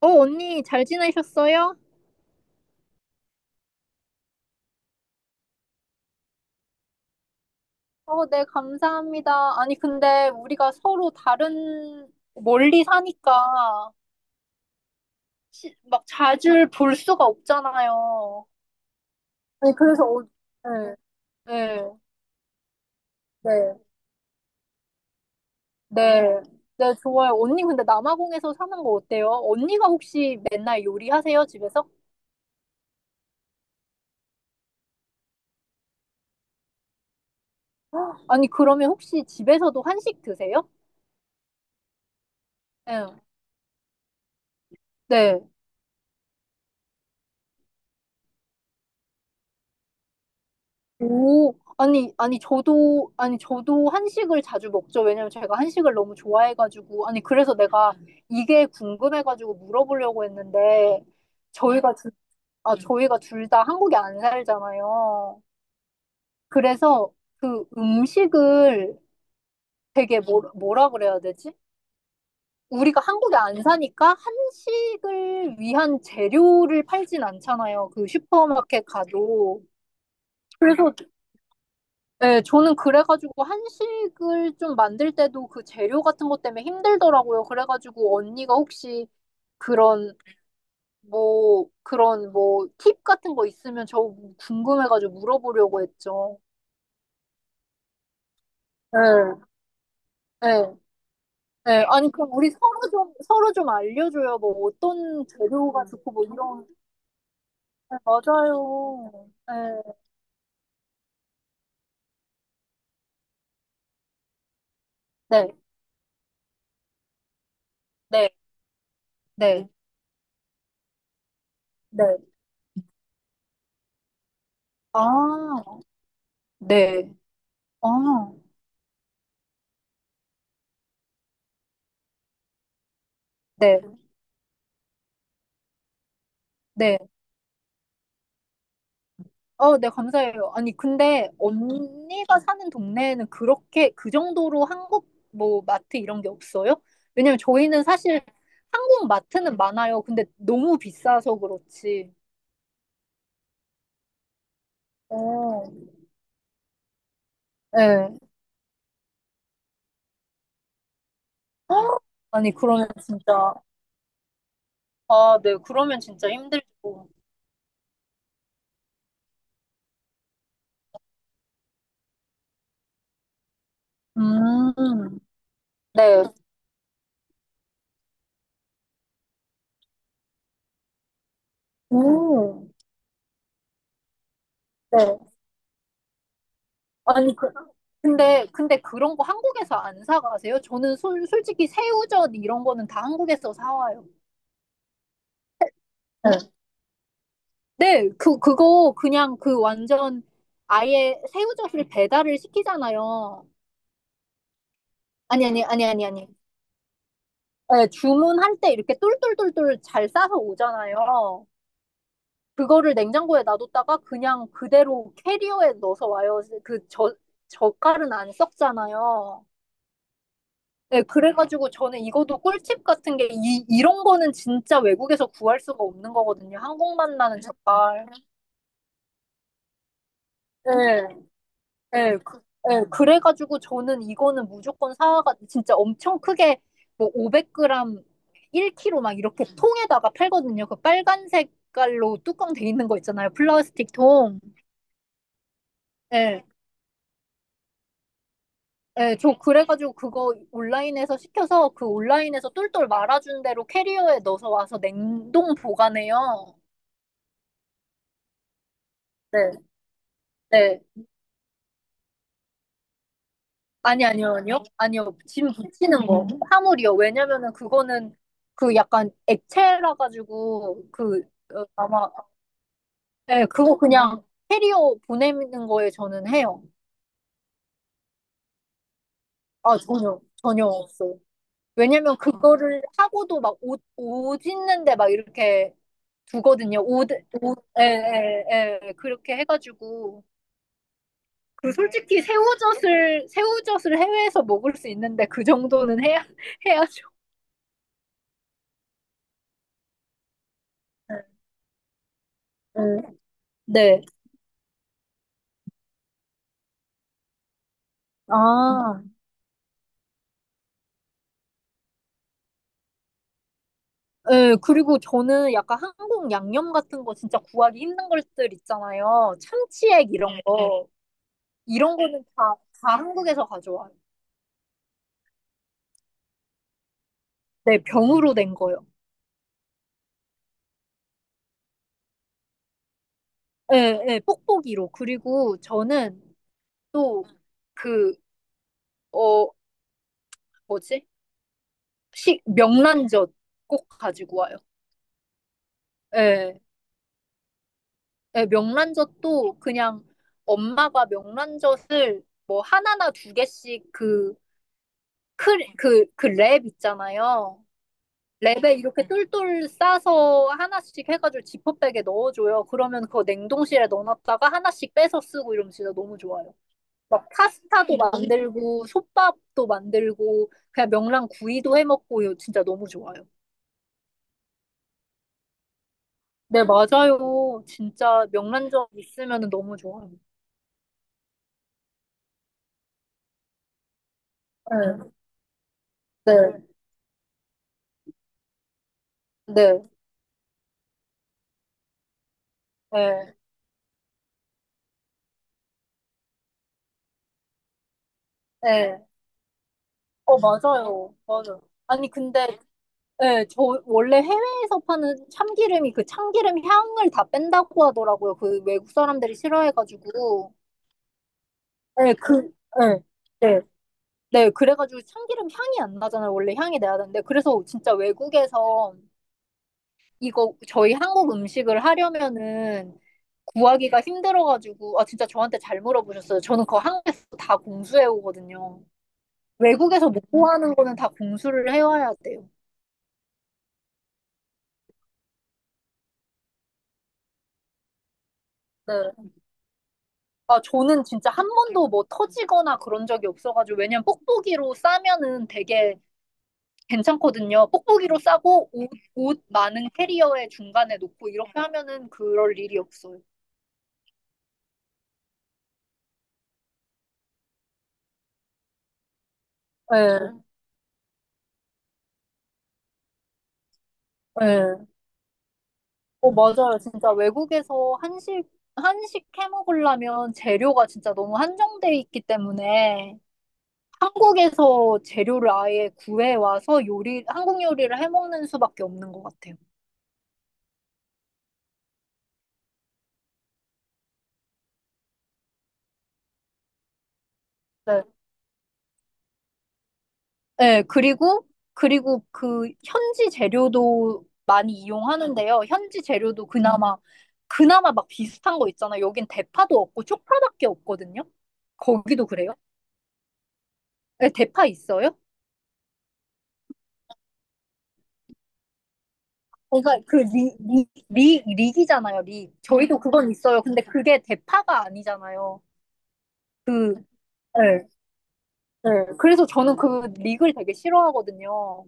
언니, 잘 지내셨어요? 네, 감사합니다. 아니, 근데 우리가 서로 멀리 사니까, 막 자주 볼 수가 없잖아요. 아니 그래서, 네, 네, 네, 네, 네, 좋아요. 언니, 근데 남아공에서 사는 거 어때요? 언니가 혹시 맨날 요리하세요, 집에서? 아니, 그러면 혹시 집에서도 한식 드세요? 네, 네. 오, 저도, 아니, 저도 한식을 자주 먹죠. 왜냐면 제가 한식을 너무 좋아해가지고. 아니, 그래서 내가 이게 궁금해가지고 물어보려고 했는데, 저희가, 둘- 아, 저희가 둘 다 한국에 안 살잖아요. 그래서 그 음식을 되게 뭐라 그래야 되지? 우리가 한국에 안 사니까 한식을 위한 재료를 팔진 않잖아요. 그 슈퍼마켓 가도. 그래서 네, 저는 그래가지고 한식을 좀 만들 때도 그 재료 같은 것 때문에 힘들더라고요. 그래가지고 언니가 혹시 그런 뭐 그런 뭐 팁 같은 거 있으면 저 궁금해가지고 물어보려고 했죠. 네, 네, 네. 아니 그럼 우리 서로 좀 알려줘요. 뭐 어떤 재료가 좋고 뭐 이런. 네, 맞아요. 네, 네, 네, 네, 네. 아, 네, 아, 네, 네. 네, 감사해요. 아니, 근데 언니가 사는 동네에는 그렇게 그 정도로 한국 뭐 마트 이런 게 없어요? 왜냐면 저희는 사실 한국 마트는 많아요. 근데 너무 비싸서 그렇지. 어, 네. 아니, 그러면 진짜, 아, 네, 그러면 진짜 힘들고. 음, 네. 오, 네. 아니, 그, 근데 그런 거 한국에서 안 사가세요? 저는 솔직히 새우젓 이런 거는 다 한국에서 사와요. 네. 네, 그거 그냥 그 완전 아예 새우젓을 배달을 시키잖아요. 아니. 네, 주문할 때 이렇게 똘똘똘똘 잘 싸서 오잖아요. 그거를 냉장고에 놔뒀다가 그냥 그대로 캐리어에 넣어서 와요. 젓갈은 안 썩잖아요. 네, 그래가지고 저는 이것도 꿀팁 같은 게 이런 거는 진짜 외국에서 구할 수가 없는 거거든요. 한국만 나는 젓갈. 네. 예, 그, 예, 그래가지고 저는 이거는 무조건 사와가 진짜 엄청 크게 뭐 500g, 1kg 막 이렇게 통에다가 팔거든요. 그 빨간 색깔로 뚜껑 돼 있는 거 있잖아요. 플라스틱 통. 예, 예, 저 그래가지고 그거 온라인에서 시켜서 그 온라인에서 똘똘 말아준 대로 캐리어에 넣어서 와서 냉동 보관해요. 네, 네. 아니, 아니요, 아니요. 아니요. 짐 붙이는 거. 화물이요. 왜냐면은 그거는 그 약간 액체라 가지고 아마 예, 그거 그냥 캐리어 보내는 거에 저는 해요. 아, 전혀 없어요. 왜냐면 그거를 하고도 막 옷 있는데 막 이렇게 두거든요. 옷, 예, 예. 그렇게 해가지고. 그 솔직히 새우젓을 해외에서 먹을 수 있는데 그 정도는 해야 해야죠. 네. 네. 아, 예, 그리고 저는 약간 한국 양념 같은 거 진짜 구하기 힘든 것들 있잖아요. 참치액 이런 거. 이런 거는 다 한국에서 가져와요. 네, 병으로 된 거요. 예, 예, 뽁뽁이로. 그리고 저는 또 그, 어, 뭐지? 명란젓 꼭 가지고 와요. 예, 예, 명란젓도 그냥 엄마가 명란젓을 뭐 하나나 두 개씩 크, 그 랩 있잖아요. 랩에 이렇게 똘똘 싸서 하나씩 해가지고 지퍼백에 넣어줘요. 그러면 그거 냉동실에 넣어놨다가 하나씩 빼서 쓰고 이러면 진짜 너무 좋아요. 막 파스타도 만들고, 솥밥도 만들고, 그냥 명란 구이도 해먹고, 이거 진짜 너무 좋아요. 네, 맞아요. 진짜 명란젓 있으면 너무 좋아요. 네, 네, 네, 네, 네. 어, 맞아요. 맞아요. 아니, 근데 네, 저 원래 해외에서 파는 참기름이 그 참기름 향을 다 뺀다고 하더라고요. 그 외국 사람들이 싫어해가지고. 네, 네, 네. 네, 그래가지고 참기름 향이 안 나잖아요. 원래 향이 나야 되는데. 그래서 진짜 외국에서 이거 저희 한국 음식을 하려면은 구하기가 힘들어가지고, 아, 진짜 저한테 잘 물어보셨어요. 저는 그거 한국에서 다 공수해 오거든요. 외국에서 못 구하는 거는 다 공수를 해와야 돼요. 네. 아, 저는 진짜 한 번도 뭐 터지거나 그런 적이 없어가지고, 왜냐면 뽁뽁이로 싸면은 되게 괜찮거든요. 뽁뽁이로 싸고 옷 많은 캐리어의 중간에 놓고 이렇게 하면은 그럴 일이 없어요. 네, 네. 어, 맞아요. 진짜 외국에서 한식 해 먹으려면 재료가 진짜 너무 한정돼 있기 때문에 한국에서 재료를 아예 구해와서 한국 요리를 해 먹는 수밖에 없는 것 같아요. 네, 그리고, 그리고 그 현지 재료도 많이 이용하는데요. 그나마 막 비슷한 거 있잖아요. 여긴 대파도 없고 쪽파밖에 없거든요. 거기도 그래요? 네, 대파 있어요? 그러니까 그 릭이잖아요, 릭. 저희도 그건 있어요. 근데 그게 대파가 아니잖아요. 그, 네, 네. 그래서 저는 그 릭을 되게 싫어하거든요.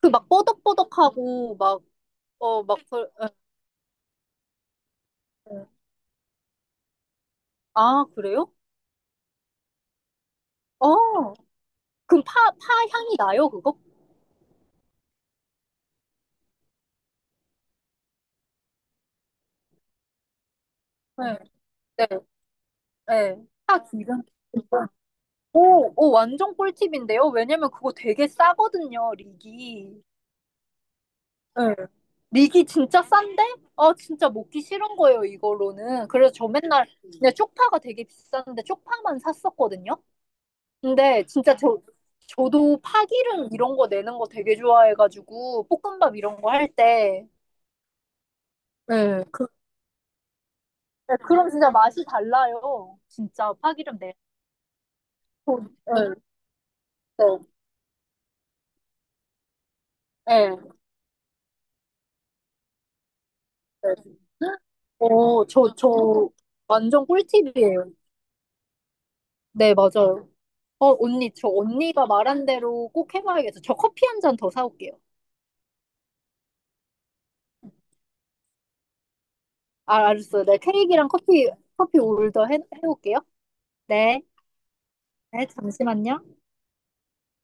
그 막 뻐덕뻐덕하고 막, 어, 막, 그- 아, 그래요? 어. 그럼 파 향이 나요, 그거? 네, 네, 네. 파 기름. 오, 완전 꿀팁인데요? 왜냐면 그거 되게 싸거든요, 릭이. 네. 릭이 진짜 싼데? 아, 진짜 먹기 싫은 거예요, 이걸로는. 그래서 저 맨날, 그냥 쪽파가 되게 비싼데 쪽파만 샀었거든요? 근데 진짜 저도 파기름 이런 거 내는 거 되게 좋아해가지고, 볶음밥 이런 거 할 때. 네. 네, 그럼 진짜 맛이 달라요. 진짜 파기름 내. 네. 네. 네. 네. 오, 완전 꿀팁이에요. 네, 맞아요. 어, 언니, 저 언니가 말한 대로 꼭 해봐야겠어. 저 커피 한 잔 더 사올게요. 아, 알았어요. 네, 케이크랑 커피 해올게요. 네. 네, 잠시만요.